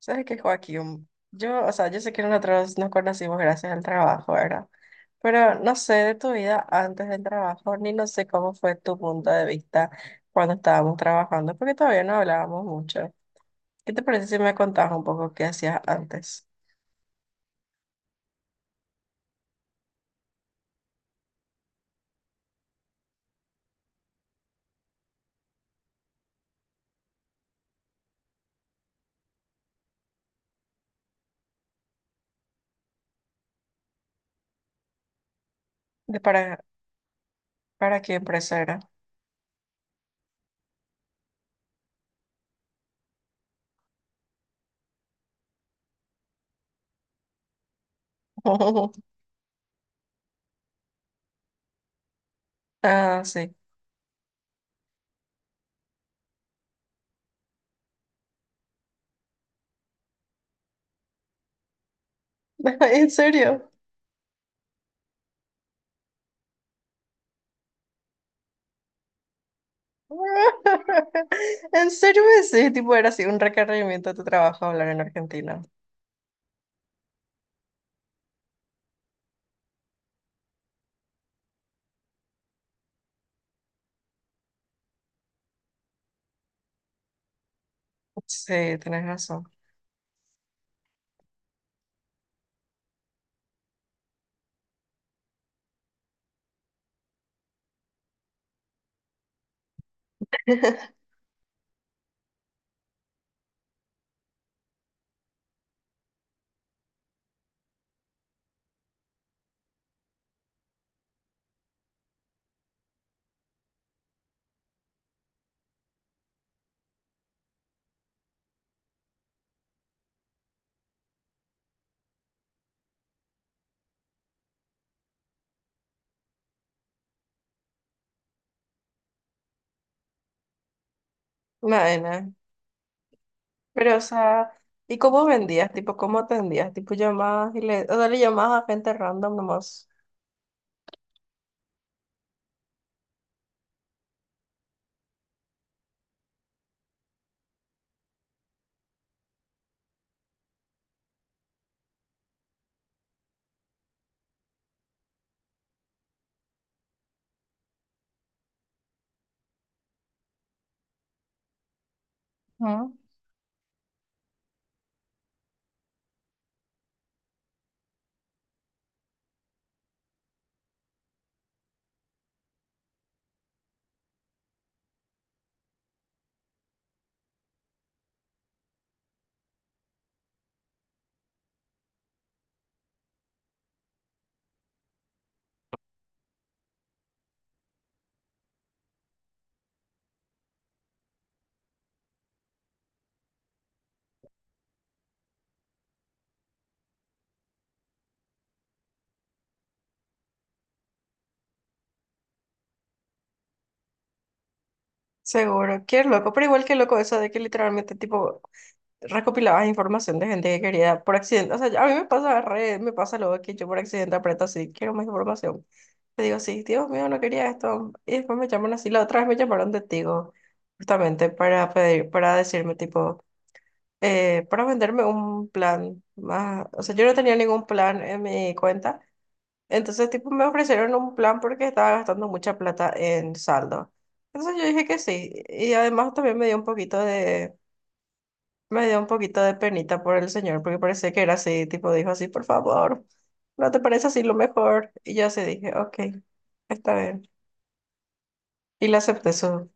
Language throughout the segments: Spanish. ¿Sabes qué, Joaquín? O sea, yo sé que nosotros nos conocimos gracias al trabajo, ¿verdad? Pero no sé de tu vida antes del trabajo, ni no sé cómo fue tu punto de vista cuando estábamos trabajando, porque todavía no hablábamos mucho. ¿Qué te parece si me contabas un poco qué hacías antes? ¿De para, para qué empresa era? Ah, sí. ¿En serio? ¿En serio? Sí, tipo, era así un requerimiento de tu trabajo hablar en Argentina. Sí, tenés razón. Nada. Pero, o sea, ¿y cómo vendías? Tipo, ¿cómo atendías? Tipo, llamabas y o sea, le llamabas a gente random nomás. Ujú. Seguro, qué loco, pero igual que loco eso de que literalmente tipo recopilabas información de gente que quería por accidente, o sea, a mí me pasa luego que yo por accidente aprieto así, quiero más información, te digo, sí, Dios mío, no quería esto, y después me llaman así, la otra vez me llamaron de Tigo, justamente para decirme tipo, para venderme un plan más, o sea, yo no tenía ningún plan en mi cuenta. Entonces, tipo, me ofrecieron un plan porque estaba gastando mucha plata en saldo. Entonces yo dije que sí. Y además también me dio un poquito de penita por el señor, porque parecía que era así, tipo, dijo así, por favor, ¿no te parece así lo mejor? Y yo así dije, ok, está bien. Y le acepté su.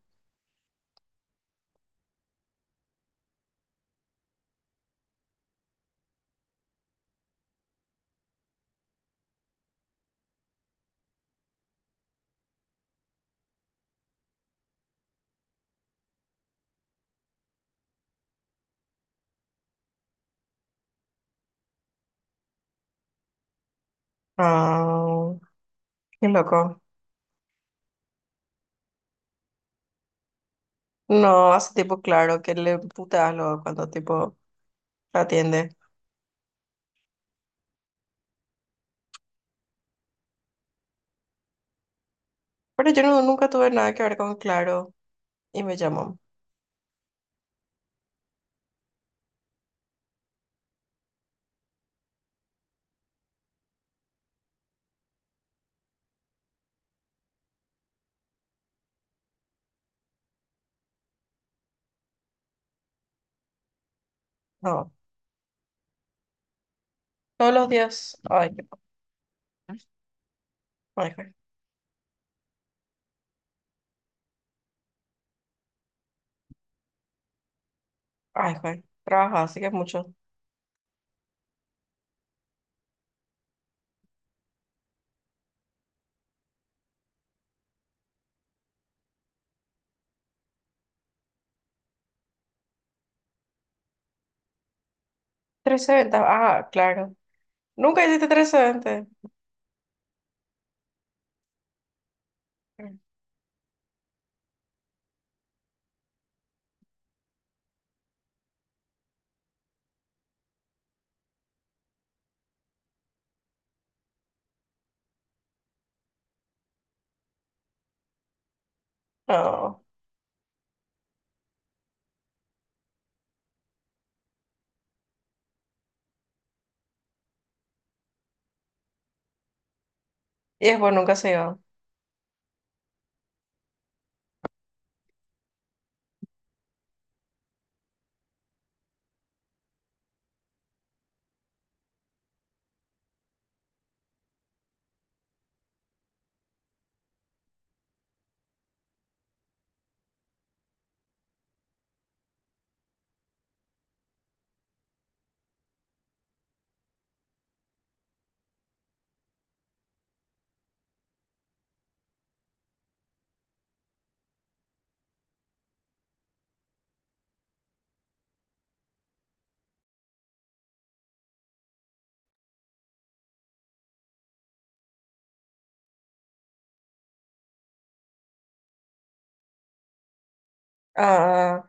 Ah, qué loco. No, hace tipo claro que le puteas luego cuando tipo atiende. Pero yo no- nunca tuve nada que ver con Claro y me llamó. No. Todos los días. Ay, Ay, Juan. Ay, Juan. Trabaja, así que es mucho. Trece ventas. Ah, claro. Nunca hiciste 13 ventas. No. Y después nunca se iba. Ah,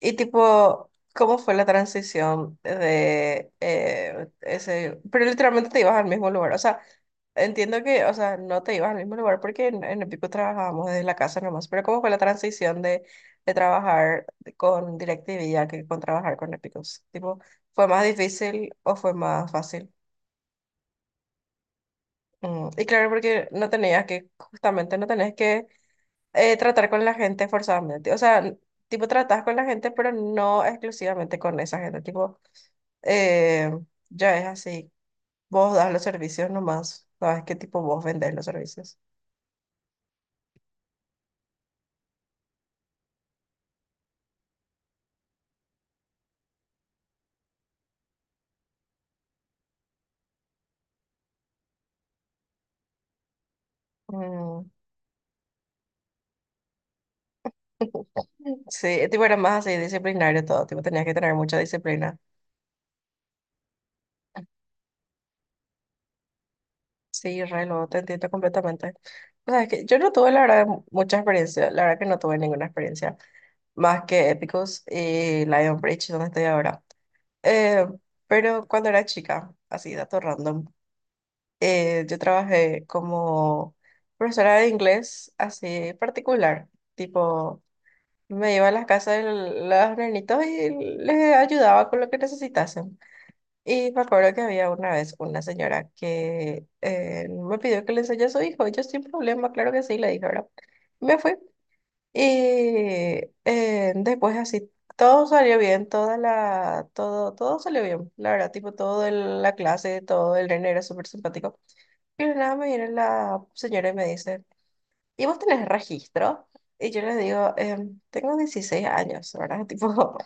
y tipo, ¿cómo fue la transición de ese? Pero literalmente te ibas al mismo lugar. O sea, entiendo que, o sea, no te ibas al mismo lugar porque en el pico trabajábamos desde la casa nomás. Pero ¿cómo fue la transición de trabajar con DirecTV ya que con trabajar con Epicus? Tipo, ¿fue más difícil o fue más fácil? Y claro, porque justamente no tenés que tratar con la gente forzadamente. O sea, tipo, tratás con la gente, pero no exclusivamente con esa gente. Tipo, eh, ya es así. Vos das los servicios nomás. Sabes qué tipo vos vendés los servicios. Mm. Sí, tipo, era más así disciplinario todo. Tipo, tenías que tener mucha disciplina. Sí, re, lo te entiendo completamente. O sea, es que yo no tuve, la verdad, mucha experiencia. La verdad que no tuve ninguna experiencia más que Epicus y Lionbridge, donde estoy ahora. Eh, pero cuando era chica, así, dato random, yo trabajé como profesora de inglés así particular, tipo, me iba a las casas de los nenitos y les ayudaba con lo que necesitasen. Y me acuerdo que había una vez una señora que me pidió que le enseñe a su hijo, y yo sin problema, claro que sí, le dije, ¿verdad? Me fui. Y después así, todo salió bien, todo salió bien, la verdad, tipo, la clase, todo el nene era súper simpático. Y de nada me viene la señora y me dice, ¿y vos tenés registro? Y yo le digo, "Tengo 16 años, ¿verdad? Tipo,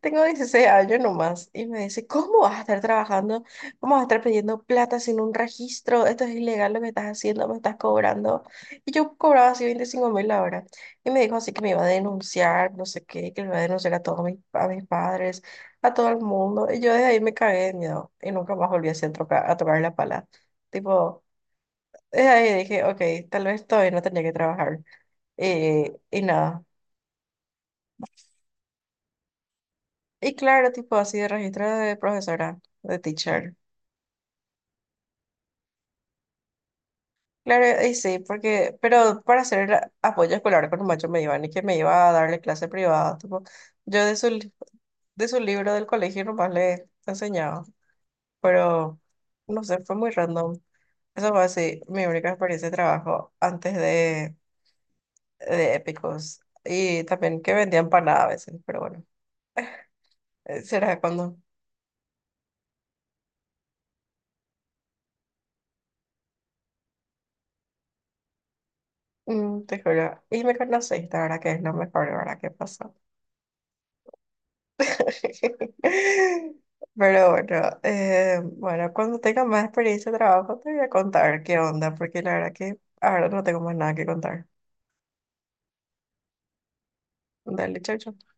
tengo 16 años nomás y me dice, ¿cómo vas a estar trabajando? ¿Cómo vas a estar pidiendo plata sin un registro? Esto es ilegal lo que estás haciendo, me estás cobrando. Y yo cobraba así 25 mil la hora. Y me dijo así que me iba a denunciar, no sé qué, que me iba a denunciar a mis padres, a todo el mundo. Y yo desde ahí me cagué de miedo y nunca más volví así a tocar la pala. Tipo, desde ahí dije, ok, tal vez todavía no tenía que trabajar. Y nada. Y claro, tipo así de registro de profesora, de teacher. Claro, y sí, porque, pero para hacer el apoyo escolar con un macho me iba ni que me iba a darle clase privada, tipo, yo de su libro del colegio nomás le enseñaba, pero no sé, fue muy random. Eso fue así, mi única experiencia de trabajo antes de Épicos y también que vendía empanadas a veces, pero bueno, será cuando, te juro, y me conoces, la verdad que es lo mejor, la verdad que pasó. Pero bueno, bueno, cuando tenga más experiencia de trabajo te voy a contar qué onda, porque la verdad que ahora no tengo más nada que contar. Dale, chau, chau.